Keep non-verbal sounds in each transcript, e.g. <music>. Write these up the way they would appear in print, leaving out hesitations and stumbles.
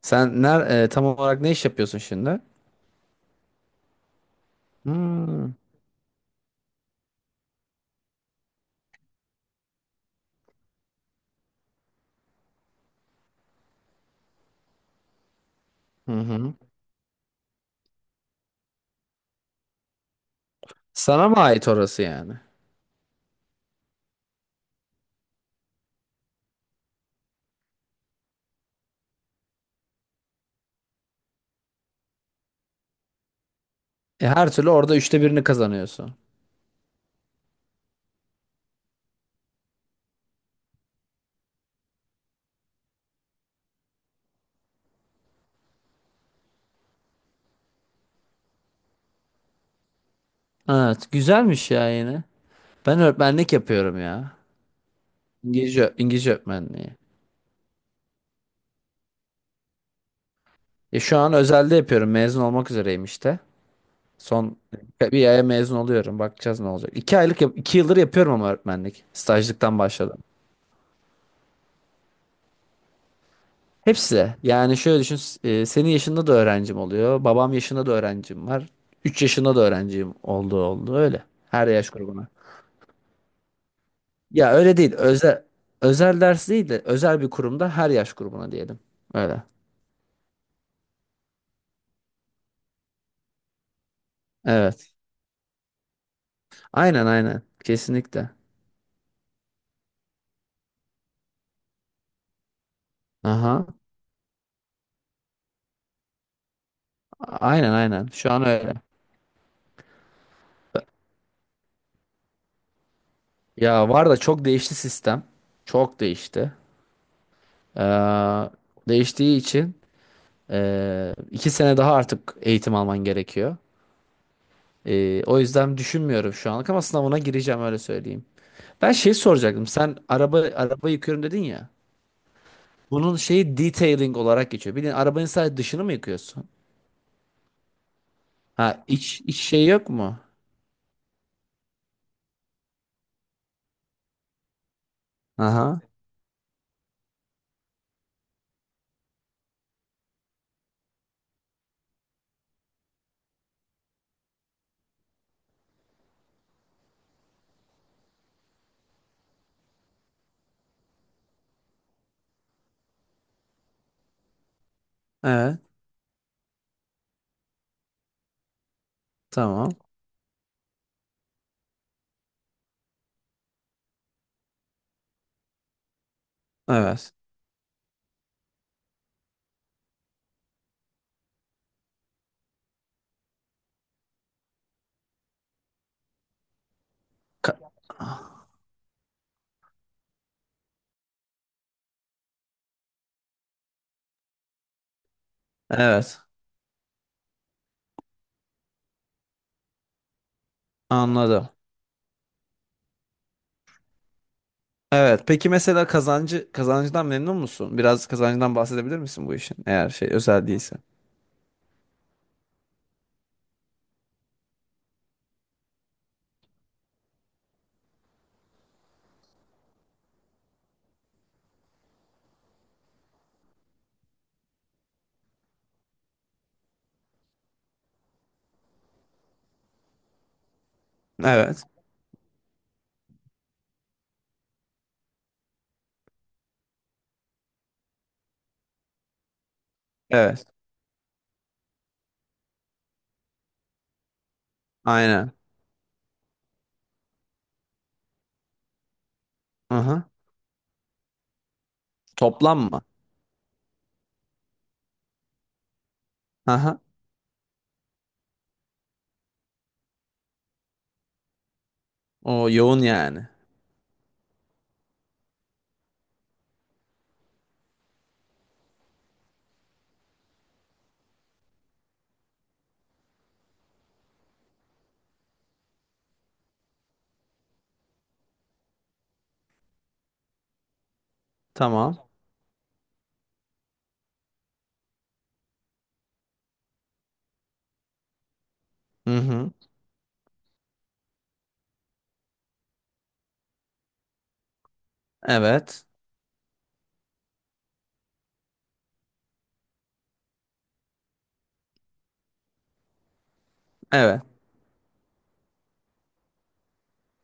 Sen tam olarak ne iş yapıyorsun şimdi? Hmm. Hı hı. Sana mı ait orası yani? Her türlü orada üçte birini kazanıyorsun. Evet, güzelmiş ya yine. Ben öğretmenlik yapıyorum ya. İngilizce, İngilizce öğretmenliği. Şu an özelde yapıyorum. Mezun olmak üzereyim işte. Son bir aya mezun oluyorum. Bakacağız ne olacak. 2 aylık, 2 yıldır yapıyorum ama öğretmenlik. Stajlıktan başladım. Hepsi. Yani şöyle düşün, senin yaşında da öğrencim oluyor. Babam yaşında da öğrencim var. 3 yaşında da öğrencim oldu, öyle. Her yaş grubuna. Ya öyle değil. Özel ders değil de özel bir kurumda her yaş grubuna diyelim. Öyle. Evet. Aynen, aynen. Kesinlikle. Aha. Aynen, aynen. Şu an öyle. Ya var da çok değişti sistem. Çok değişti. Ee, Değiştiği için 2 sene daha artık eğitim alman gerekiyor. O yüzden düşünmüyorum şu anlık, ama sınavına gireceğim öyle söyleyeyim. Ben şey soracaktım. Sen araba yıkıyorum dedin ya. Bunun şeyi detailing olarak geçiyor. Bildiğin arabanın sadece dışını mı yıkıyorsun? Ha, iç şey yok mu? Aha. Evet. Tamam. Evet. Ka- Evet. Anladım. Evet. Peki mesela kazancından memnun musun? Biraz kazancından bahsedebilir misin bu işin? Eğer şey özel değilse. Evet. Evet. Aynen. Aha. Toplam mı? Aha. O yoğun yani. Tamam. Hı hı. Evet. Evet.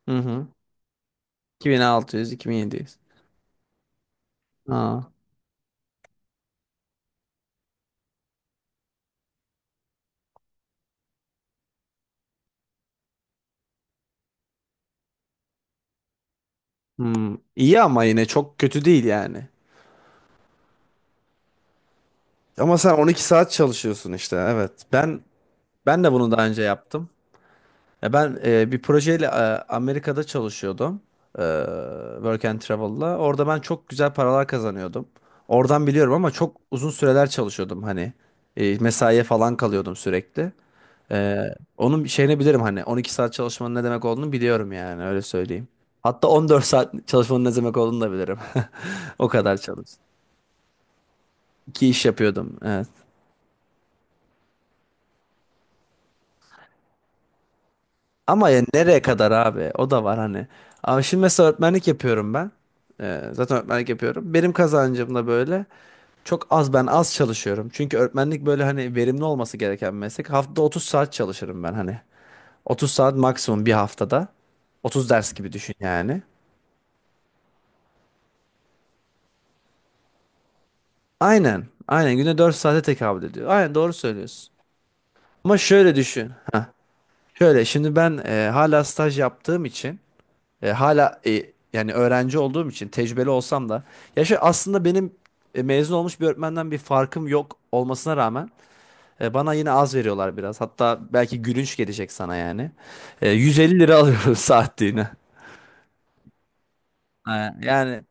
Hı hı. 2600, 2700. Aa. Hmm. İyi ama yine çok kötü değil yani. Ama sen 12 saat çalışıyorsun işte. Evet. Ben de bunu daha önce yaptım. Ya ben bir projeyle Amerika'da çalışıyordum. E, Work and Travel'la. Orada ben çok güzel paralar kazanıyordum. Oradan biliyorum ama çok uzun süreler çalışıyordum hani. Mesaiye falan kalıyordum sürekli. Onun şeyini bilirim, hani 12 saat çalışmanın ne demek olduğunu biliyorum yani öyle söyleyeyim. Hatta 14 saat çalışmanın ne demek olduğunu da bilirim. <laughs> O kadar çalıştım. İki iş yapıyordum, evet. Ama ya nereye kadar abi? O da var hani. Abi şimdi mesela öğretmenlik yapıyorum ben. Zaten öğretmenlik yapıyorum. Benim kazancım da böyle. Çok az, ben az çalışıyorum. Çünkü öğretmenlik böyle hani verimli olması gereken bir meslek. Haftada 30 saat çalışırım ben hani. 30 saat maksimum bir haftada. 30 ders gibi düşün yani. Aynen. Aynen günde 4 saate tekabül ediyor. Aynen doğru söylüyorsun. Ama şöyle düşün. Heh. Şöyle şimdi ben, hala staj yaptığım için, hala, yani öğrenci olduğum için, tecrübeli olsam da, ya şu aslında benim, mezun olmuş bir öğretmenden bir farkım yok olmasına rağmen, bana yine az veriyorlar biraz. Hatta belki gülünç gelecek sana yani. 150 lira alıyorum <laughs> saatliğine. Ha, yani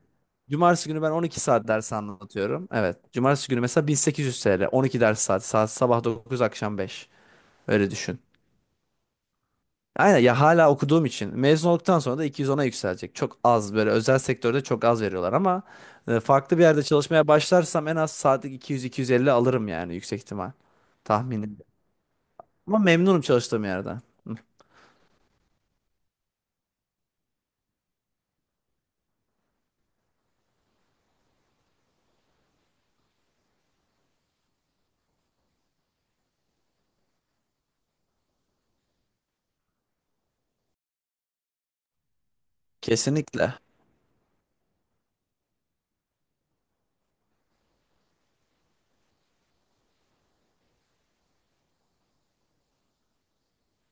cumartesi günü ben 12 saat ders anlatıyorum. Evet. Cumartesi günü mesela 1800 TL. 12 ders saati. Saat sabah 9, akşam 5. Öyle düşün. Aynen, ya hala okuduğum için. Mezun olduktan sonra da 210'a yükselecek. Çok az, böyle özel sektörde çok az veriyorlar ama farklı bir yerde çalışmaya başlarsam en az saatlik 200-250 alırım yani, yüksek ihtimal. Tahminim. Ama memnunum çalıştığım yerden. Hı. Kesinlikle.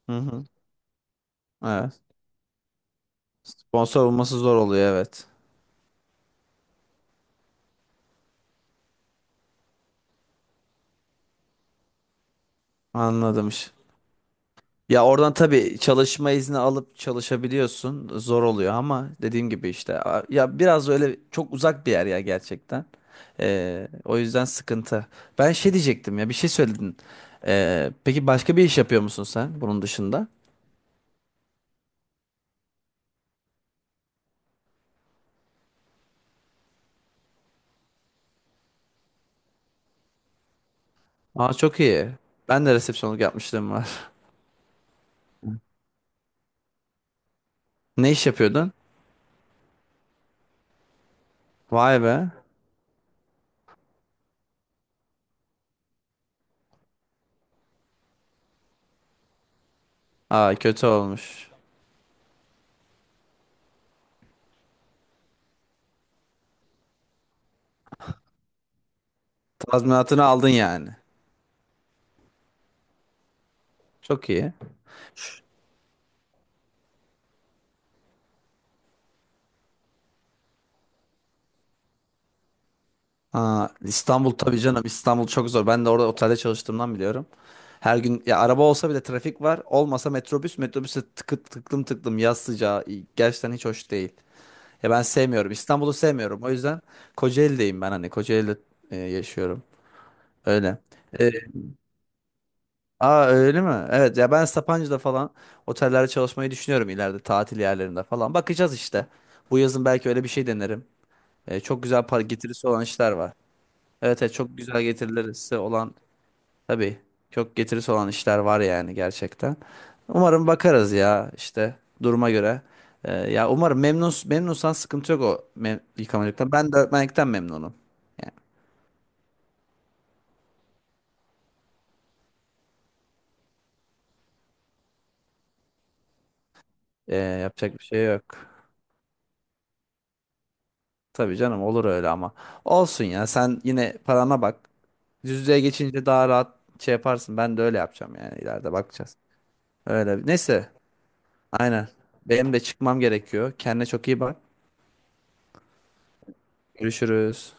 Hı hı. Evet. Sponsor olması zor oluyor evet. Anladım. Ya oradan tabii çalışma izni alıp çalışabiliyorsun. Zor oluyor, ama dediğim gibi işte, ya biraz öyle çok uzak bir yer ya, gerçekten. O yüzden sıkıntı. Ben şey diyecektim ya, bir şey söyledin. Peki başka bir iş yapıyor musun sen bunun dışında? Aa, çok iyi. Ben de resepsiyonluk yapmışlığım var. <laughs> Ne iş yapıyordun? Vay be. Aa, kötü olmuş. Tazminatını aldın yani. Çok iyi. Aa, İstanbul tabii canım, İstanbul çok zor. Ben de orada otelde çalıştığımdan biliyorum. Her gün ya araba olsa bile trafik var. Olmasa metrobüse tıklım tıklım, yaz sıcağı, gerçekten hiç hoş değil. Ya ben sevmiyorum. İstanbul'u sevmiyorum. O yüzden Kocaeli'deyim ben, hani Kocaeli'de yaşıyorum. Öyle. E, Aa, öyle mi? Evet, ya ben Sapanca'da falan otellerde çalışmayı düşünüyorum ileride, tatil yerlerinde falan. Bakacağız işte. Bu yazın belki öyle bir şey denerim. Çok güzel para getirisi olan işler var. Evet, evet, çok güzel getirileri olan. Tabii, çok getirisi olan işler var yani, gerçekten. Umarım bakarız ya, işte duruma göre. Ya umarım, memnunsan sıkıntı yok o yıkamacılıktan. Ben de öğretmenlikten memnunum. Yapacak bir şey yok. Tabii canım, olur öyle ama. Olsun ya, sen yine parana bak. Yüz yüze geçince daha rahat şey yaparsın. Ben de öyle yapacağım yani, ileride bakacağız. Öyle. Neyse, aynen. Benim de çıkmam gerekiyor. Kendine çok iyi bak. Görüşürüz.